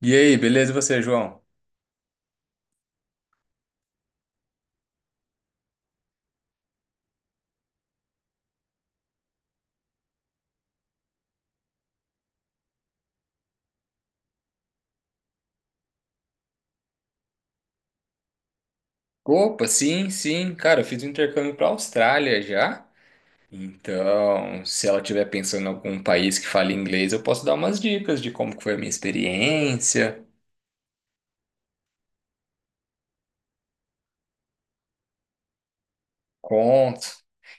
E aí, beleza? E você, João? Opa, sim, sim. Cara, eu fiz um intercâmbio para Austrália já. Então, se ela estiver pensando em algum país que fale inglês, eu posso dar umas dicas de como que foi a minha experiência, conto.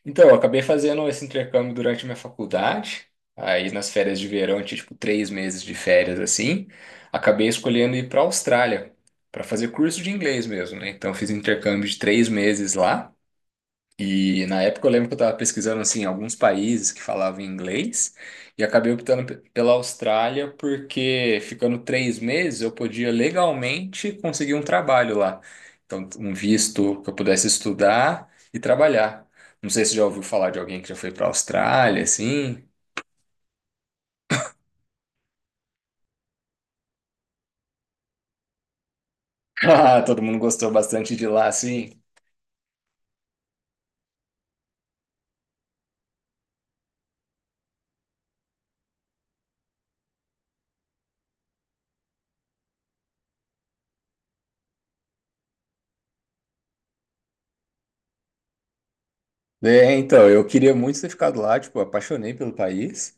Então, eu acabei fazendo esse intercâmbio durante minha faculdade. Aí, nas férias de verão, eu tinha tipo 3 meses de férias assim. Acabei escolhendo ir para Austrália para fazer curso de inglês mesmo, né? Então, eu fiz um intercâmbio de 3 meses lá. E na época eu lembro que eu estava pesquisando assim alguns países que falavam inglês e acabei optando pela Austrália porque ficando 3 meses eu podia legalmente conseguir um trabalho lá. Então, um visto que eu pudesse estudar e trabalhar. Não sei se você já ouviu falar de alguém que já foi para a Austrália, assim. Ah, todo mundo gostou bastante de lá, assim. É, então, eu queria muito ter ficado lá, tipo, apaixonei pelo país.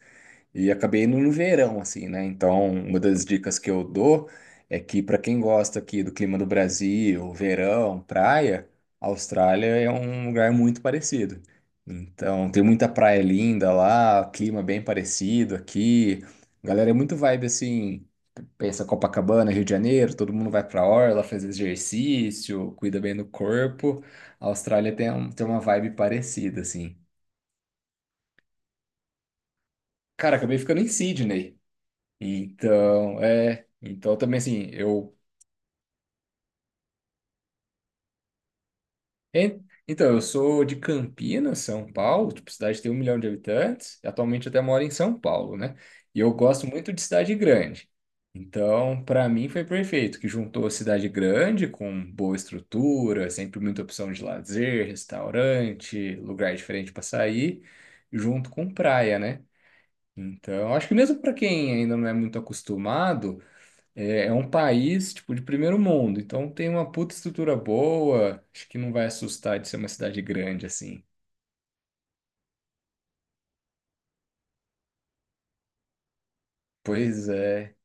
E acabei indo no verão, assim, né? Então, uma das dicas que eu dou é que, para quem gosta aqui do clima do Brasil, verão, praia, a Austrália é um lugar muito parecido. Então, tem muita praia linda lá, clima bem parecido aqui. Galera, é muito vibe assim. Pensa Copacabana, Rio de Janeiro, todo mundo vai pra orla, faz exercício, cuida bem do corpo. A Austrália tem uma vibe parecida, assim. Cara, acabei ficando em Sydney. Então, é. Então, também assim, en- Então, eu sou de Campinas, São Paulo, tipo, cidade que tem 1 milhão de habitantes. Atualmente, eu até moro em São Paulo, né? E eu gosto muito de cidade grande. Então, para mim, foi perfeito, que juntou a cidade grande com boa estrutura, sempre muita opção de lazer, restaurante, lugar diferente para sair, junto com praia, né? Então, acho que mesmo para quem ainda não é muito acostumado. É, é um país, tipo, de primeiro mundo, então tem uma puta estrutura boa, acho que não vai assustar de ser uma cidade grande, assim. Pois é.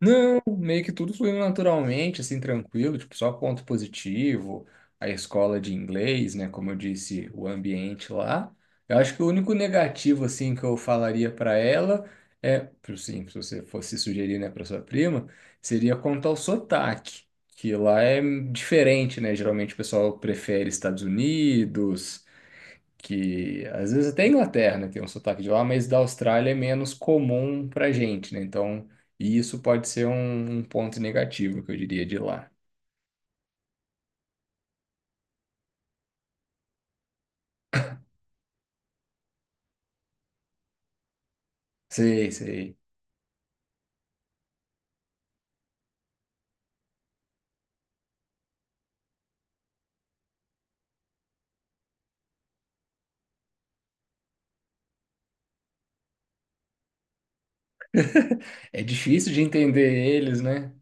Não, meio que tudo fluiu naturalmente, assim, tranquilo, tipo, só ponto positivo, a escola de inglês, né, como eu disse, o ambiente lá. Eu acho que o único negativo, assim, que eu falaria para ela é, sim, se você fosse sugerir, né, para sua prima, seria quanto ao sotaque, que lá é diferente, né, geralmente o pessoal prefere Estados Unidos, que às vezes até a Inglaterra, né, tem um sotaque de lá, mas da Austrália é menos comum pra gente, né? Então, e isso pode ser um, um ponto negativo que eu diria de lá. Sei, sei. É difícil de entender eles, né?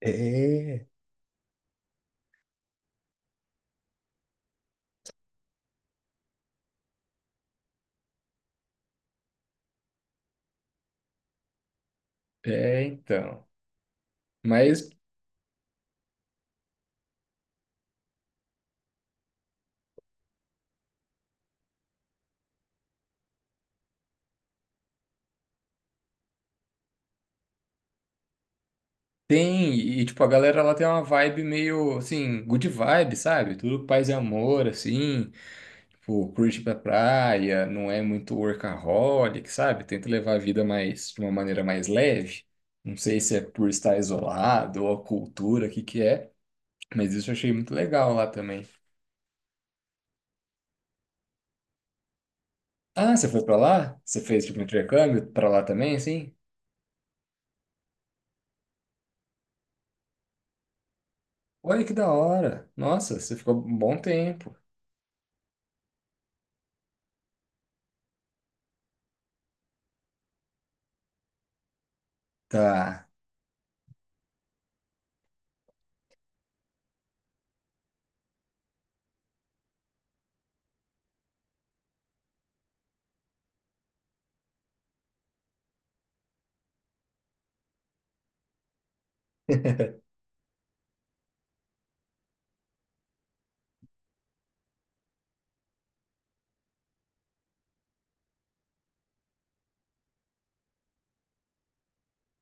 É. É, então. Mas tem, e tipo, a galera lá tem uma vibe meio assim, good vibe, sabe? Tudo paz e amor, assim. Tipo, curte ir pra praia, não é muito workaholic, sabe? Tenta levar a vida mais, de uma maneira mais leve. Não sei se é por estar isolado ou a cultura, o que que é, mas isso eu achei muito legal lá também. Ah, você foi pra lá? Você fez tipo um intercâmbio pra lá também, sim? Olha que da hora. Nossa, você ficou um bom tempo. Tá,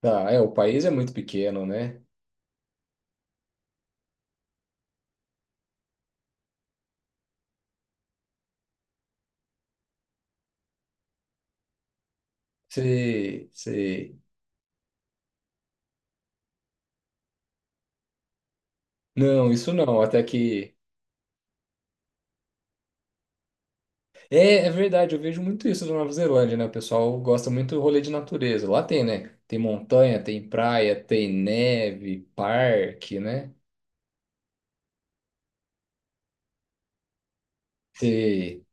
tá. É, o país é muito pequeno, né? Sei, sei. Não, isso não. Até que é, é verdade, eu vejo muito isso na Nova Zelândia, né? O pessoal gosta muito do rolê de natureza. Lá tem, né? Tem montanha, tem praia, tem neve, parque, né? Tem...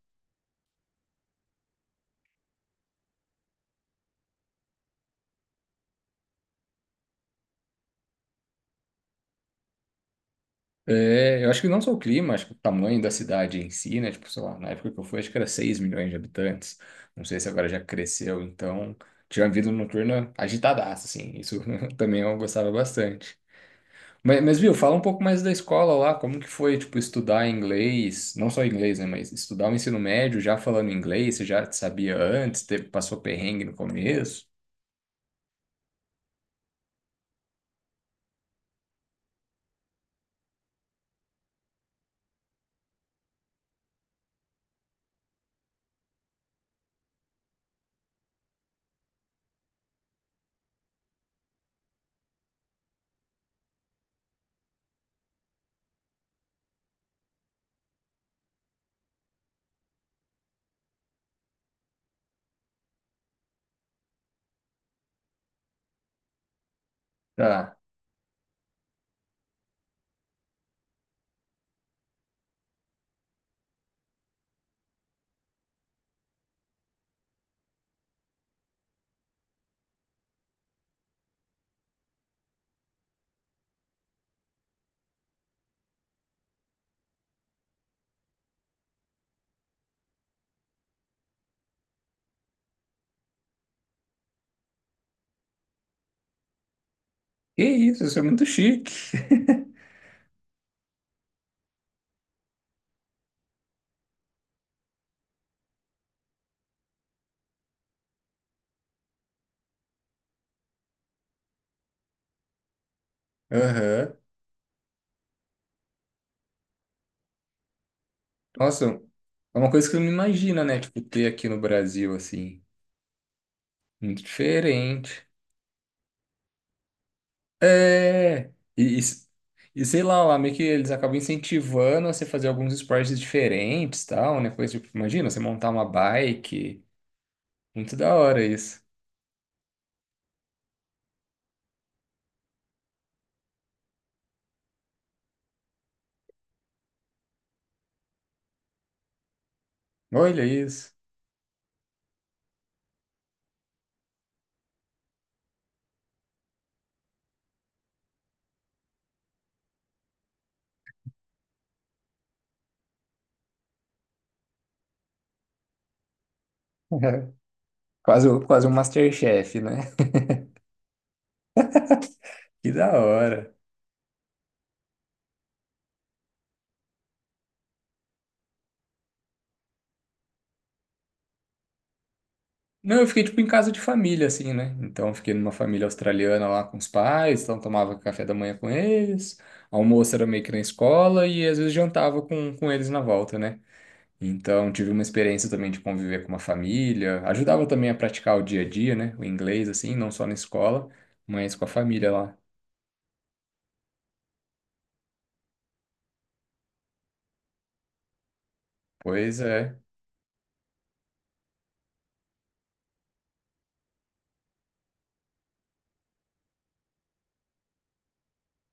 É, eu acho que não só o clima, acho que o tamanho da cidade em si, né? Tipo, sei lá, na época que eu fui, acho que era 6 milhões de habitantes. Não sei se agora já cresceu, então tinha uma vida noturna agitadaça, assim. Isso também eu gostava bastante. Viu, fala um pouco mais da escola lá, como que foi, tipo, estudar inglês, não só inglês, né, mas estudar o ensino médio já falando inglês, você já sabia antes, teve, passou perrengue no começo? Tá. Que isso é muito chique. Aham. Nossa, é uma coisa que você não imagina, né, tipo, ter aqui no Brasil, assim, muito diferente. É, e, e, e sei lá, lá meio que eles acabam incentivando a você fazer alguns esportes diferentes, tal, né, coisa, tipo, imagina, você montar uma bike... Muito da hora isso. Olha isso. Quase, quase um MasterChef, né? Que da hora. Não, eu fiquei tipo em casa de família, assim, né? Então, eu fiquei numa família australiana lá com os pais, então tomava café da manhã com eles, almoço era meio que na escola e às vezes jantava com eles na volta, né? Então, tive uma experiência também de conviver com uma família, ajudava também a praticar o dia a dia, né? O inglês, assim, não só na escola, mas com a família lá. Pois é,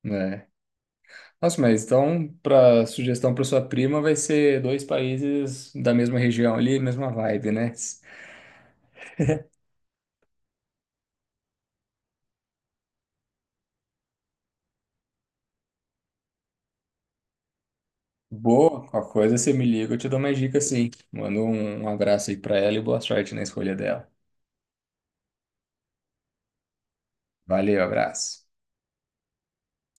né? Nossa, mas então, para sugestão para sua prima, vai ser dois países da mesma região ali, mesma vibe, né? Boa, qualquer coisa você me liga, eu te dou mais dicas sim. Manda um abraço aí para ela e boa sorte na escolha dela. Valeu, abraço.